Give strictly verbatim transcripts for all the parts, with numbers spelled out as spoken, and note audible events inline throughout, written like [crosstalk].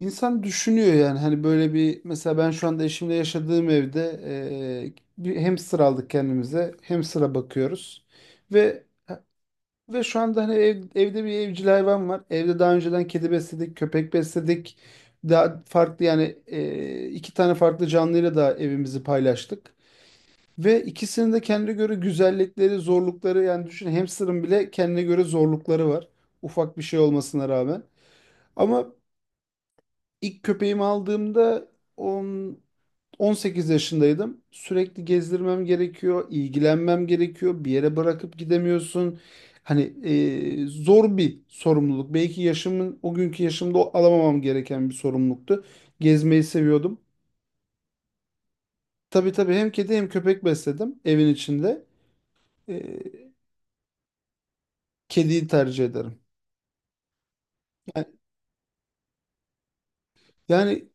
İnsan düşünüyor yani hani böyle bir mesela ben şu anda eşimle yaşadığım evde e, bir hamster aldık kendimize. Hamster'a bakıyoruz. Ve ve şu anda hani ev- evde bir evcil hayvan var. Evde daha önceden kedi besledik, köpek besledik. Daha farklı yani e, iki tane farklı canlıyla da evimizi paylaştık. Ve ikisinin de kendine göre güzellikleri, zorlukları yani düşün hamster'ın bile kendine göre zorlukları var. Ufak bir şey olmasına rağmen. Ama İlk köpeğimi aldığımda on, on sekiz yaşındaydım. Sürekli gezdirmem gerekiyor, ilgilenmem gerekiyor. Bir yere bırakıp gidemiyorsun. Hani e, zor bir sorumluluk. Belki yaşımın o günkü yaşımda o- alamamam gereken bir sorumluluktu. Gezmeyi seviyordum. Tabii tabii hem kedi hem köpek besledim evin içinde. E, Kediyi tercih ederim. Yani, yani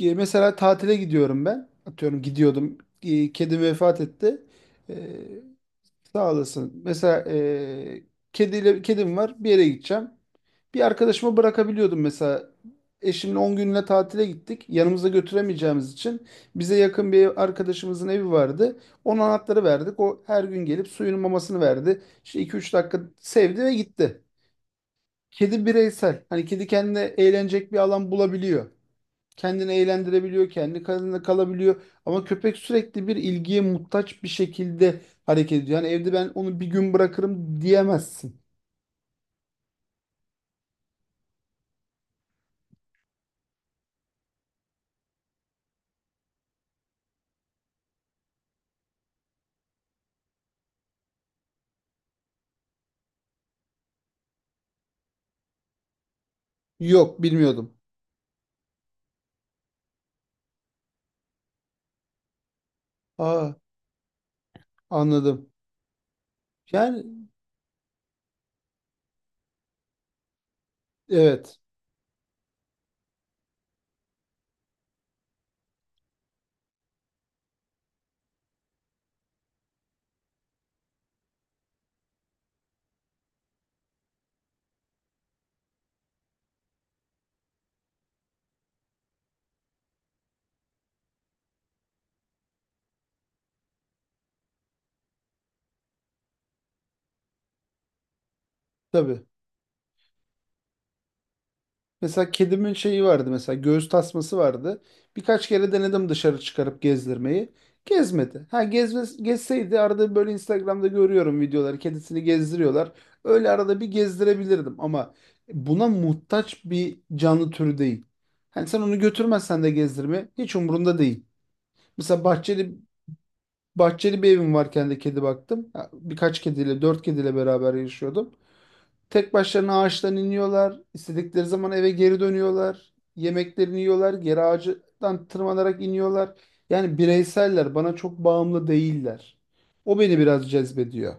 e, Mesela tatile gidiyorum ben. Atıyorum gidiyordum. E, kedim vefat etti. E, Sağ olasın. Mesela eee kediyle, kedim var. Bir yere gideceğim. Bir arkadaşıma bırakabiliyordum mesela. Eşimle on günlüğüne tatile gittik. Yanımıza götüremeyeceğimiz için bize yakın bir ev- arkadaşımızın evi vardı. Onun anahtarı verdik. O her gün gelip suyunun mamasını verdi. İşte iki üç dakika sevdi ve gitti. Kedi bireysel. Hani kedi kendine eğlenecek bir alan bulabiliyor, kendini eğlendirebiliyor, kendi kendine kalabiliyor. Ama köpek sürekli bir ilgiye muhtaç bir şekilde hareket ediyor. Yani evde ben onu bir gün bırakırım diyemezsin. Yok, bilmiyordum. Aa, anladım. Yani evet, tabii. Mesela kedimin şeyi vardı, mesela göğüs tasması vardı. Birkaç kere denedim dışarı çıkarıp gezdirmeyi. Gezmedi. Ha gezme, gezseydi arada böyle Instagram'da görüyorum videoları, kedisini gezdiriyorlar. Öyle arada bir gezdirebilirdim ama buna muhtaç bir canlı türü değil. Hani sen onu götürmezsen de gezdirme hiç umurunda değil. Mesela bahçeli bahçeli bir evim varken de kedi baktım. Ha, birkaç kediyle, dört kediyle beraber yaşıyordum. Tek başlarına ağaçtan iniyorlar. İstedikleri zaman eve geri dönüyorlar. Yemeklerini yiyorlar. Geri ağacından tırmanarak iniyorlar. Yani bireyseller, bana çok bağımlı değiller. O beni biraz cezbediyor.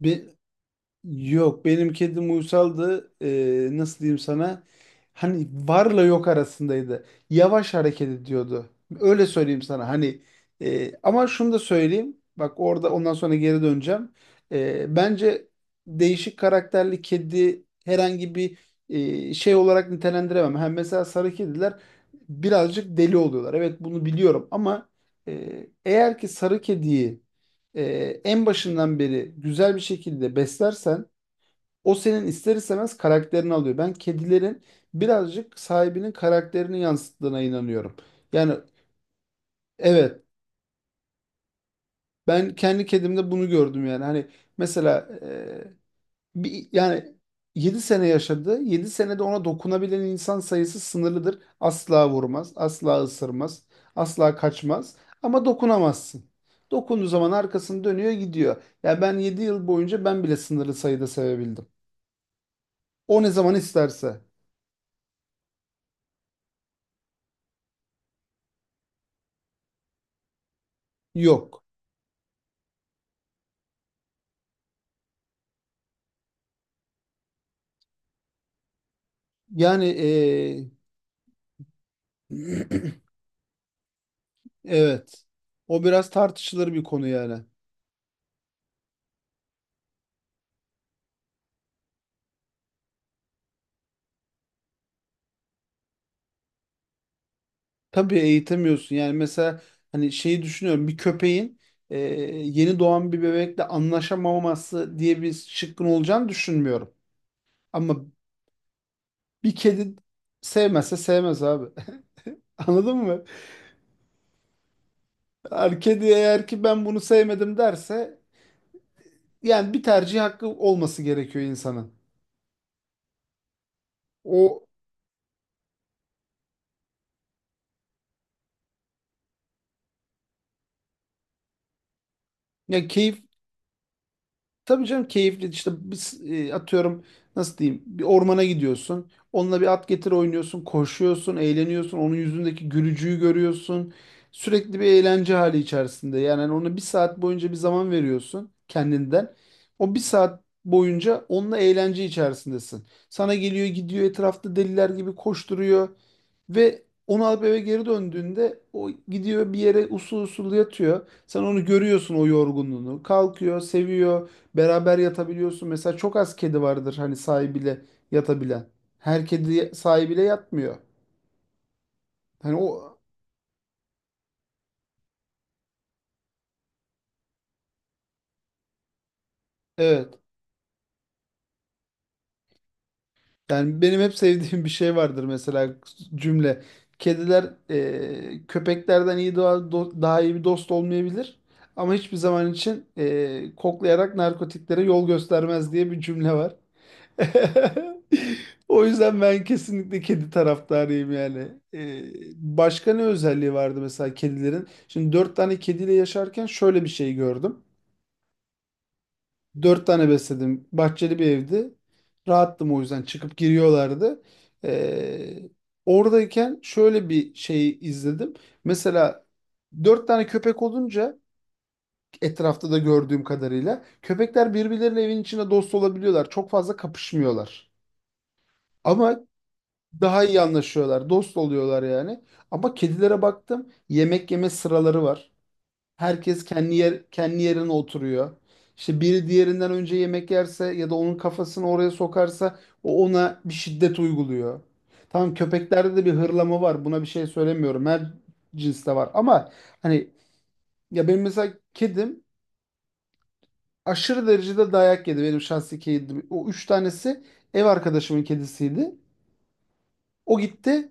Bir, Yok, benim kedim uysaldı. Ee, nasıl diyeyim sana? Hani varla yok arasındaydı. Yavaş hareket ediyordu. Öyle söyleyeyim sana. Hani e, ama şunu da söyleyeyim. Bak orada ondan sonra geri döneceğim. Ee, bence değişik karakterli kedi herhangi bir e, şey olarak nitelendiremem. Hem mesela sarı kediler birazcık deli oluyorlar. Evet, bunu biliyorum, ama e, eğer ki sarı kediyi e, en başından beri güzel bir şekilde beslersen, o senin ister istemez karakterini alıyor. Ben kedilerin birazcık sahibinin karakterini yansıttığına inanıyorum. Yani evet, ben kendi kedimde bunu gördüm yani. Hani mesela e, bir, yani yedi sene yaşadı. yedi senede ona dokunabilen insan sayısı sınırlıdır. Asla vurmaz, asla ısırmaz, asla kaçmaz, ama dokunamazsın. Dokunduğu zaman arkasını dönüyor gidiyor. Ya ben yedi yıl boyunca ben bile sınırlı sayıda sevebildim. O ne zaman isterse. Yok. Yani e, [clears throat] evet. O biraz tartışılır bir konu yani. Tabii eğitemiyorsun. Yani mesela hani şeyi düşünüyorum. Bir köpeğin e, yeni doğan bir bebekle anlaşamaması diye bir şıkkın olacağını düşünmüyorum. Ama bir kedi sevmezse sevmez abi. [laughs] Anladın mı? Yani kedi eğer ki ben bunu sevmedim derse, yani bir tercih hakkı olması gerekiyor insanın. O ya keyif Tabii canım, keyifli işte biz, e, atıyorum nasıl diyeyim, bir ormana gidiyorsun. Onunla bir at getir oynuyorsun, koşuyorsun, eğleniyorsun. Onun yüzündeki gülücüğü görüyorsun. Sürekli bir eğlence hali içerisinde. Yani hani ona bir saat boyunca bir zaman veriyorsun kendinden. O bir saat boyunca onunla eğlence içerisindesin. Sana geliyor gidiyor, etrafta deliler gibi koşturuyor. Ve onu alıp eve geri döndüğünde o gidiyor bir yere usul usul yatıyor. Sen onu görüyorsun o yorgunluğunu. Kalkıyor, seviyor. Beraber yatabiliyorsun. Mesela çok az kedi vardır hani sahibiyle yatabilen. Her kedi sahibiyle yatmıyor. Hani o evet. Yani benim hep sevdiğim bir şey vardır, mesela cümle. Kediler eee, köpeklerden iyi doğa- do- daha iyi bir dost olmayabilir. Ama hiçbir zaman için eee, koklayarak narkotiklere yol göstermez diye bir cümle var. [laughs] O yüzden ben kesinlikle kedi taraftarıyım yani. Ee, Başka ne özelliği vardı mesela kedilerin? Şimdi dört tane kediyle yaşarken şöyle bir şey gördüm. Dört tane besledim. Bahçeli bir evdi. Rahattım, o yüzden çıkıp giriyorlardı. Ee, Oradayken şöyle bir şey izledim. Mesela dört tane köpek olunca, etrafta da gördüğüm kadarıyla köpekler birbirleriyle evin içinde dost olabiliyorlar. Çok fazla kapışmıyorlar. Ama daha iyi anlaşıyorlar, dost oluyorlar yani. Ama kedilere baktım, yemek yeme sıraları var. Herkes kendi yer, kendi yerine oturuyor. İşte biri diğerinden önce yemek yerse ya da onun kafasını oraya sokarsa, o ona bir şiddet uyguluyor. Tamam, köpeklerde de bir hırlama var. Buna bir şey söylemiyorum. Her cinste var. Ama hani ya benim mesela kedim aşırı derecede dayak yedi. Benim şahsi kedim. O üç tanesi ev arkadaşımın kedisiydi. O gitti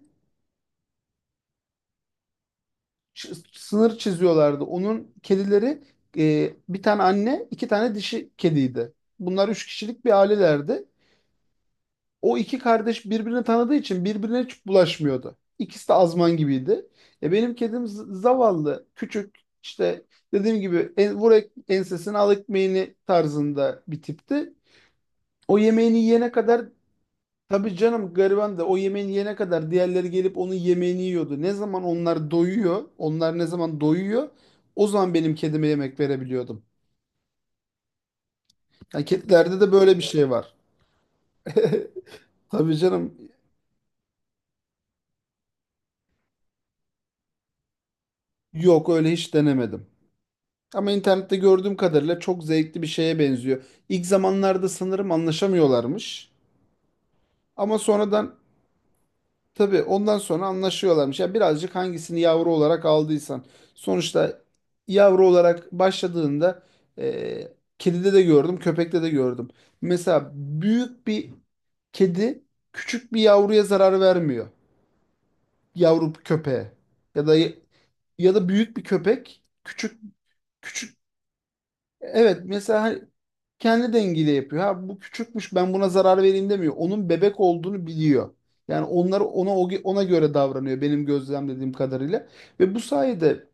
ç- sınır çiziyorlardı. Onun kedileri e, bir tane anne, iki tane dişi kediydi. Bunlar üç kişilik bir ailelerdi. O iki kardeş birbirini tanıdığı için birbirine hiç bulaşmıyordu. İkisi de azman gibiydi. E, benim kedim z- zavallı, küçük, işte dediğim gibi en, vur ek- ensesini al ekmeğini tarzında bir tipti. O yemeğini yiyene kadar, tabii canım, gariban, da o yemeğini yene kadar diğerleri gelip onun yemeğini yiyordu. Ne zaman onlar doyuyor, onlar ne zaman doyuyor, o zaman benim kedime yemek verebiliyordum. Yani kedilerde de böyle bir şey var. [laughs] Tabii canım, yok, öyle hiç denemedim. Ama internette gördüğüm kadarıyla çok zevkli bir şeye benziyor. İlk zamanlarda sanırım anlaşamıyorlarmış. Ama sonradan, tabii ondan sonra anlaşıyorlarmış. Ya birazcık hangisini yavru olarak aldıysan. Sonuçta yavru olarak başladığında e, kedide de gördüm, köpekte de gördüm. Mesela büyük bir kedi küçük bir yavruya zarar vermiyor. Yavru köpeğe. Ya da ya da büyük bir köpek küçük küçük evet, mesela hani kendi dengiyle yapıyor. Ha bu küçükmüş, ben buna zarar vereyim demiyor. Onun bebek olduğunu biliyor. Yani onlar ona o- ona göre davranıyor, benim gözlemlediğim kadarıyla. Ve bu sayede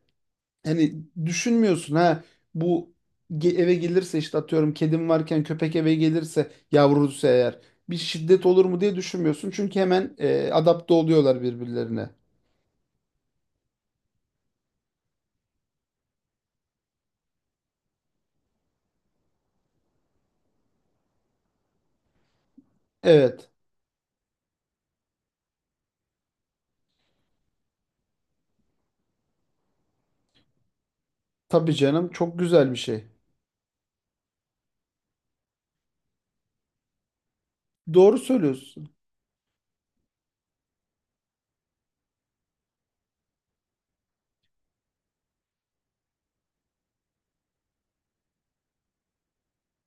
hani düşünmüyorsun ha, bu ge- eve gelirse işte atıyorum, kedim varken köpek eve gelirse yavrusu, eğer bir şiddet olur mu diye düşünmüyorsun. Çünkü hemen e, adapte oluyorlar birbirlerine. Evet. Tabii canım, çok güzel bir şey. Doğru söylüyorsun.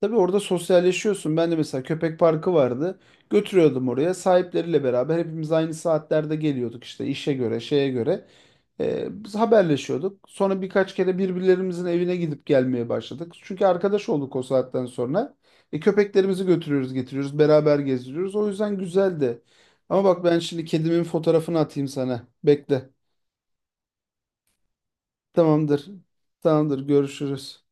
Tabii orada sosyalleşiyorsun. Ben de mesela köpek parkı vardı. Götürüyordum oraya. Sahipleriyle beraber hepimiz aynı saatlerde geliyorduk işte işe göre, şeye göre. Ee, biz haberleşiyorduk. Sonra birkaç kere birbirlerimizin evine gidip gelmeye başladık. Çünkü arkadaş olduk o saatten sonra. E, köpeklerimizi götürüyoruz, getiriyoruz, beraber gezdiriyoruz. O yüzden güzeldi. Ama bak ben şimdi kedimin fotoğrafını atayım sana. Bekle. Tamamdır. Tamamdır. Görüşürüz.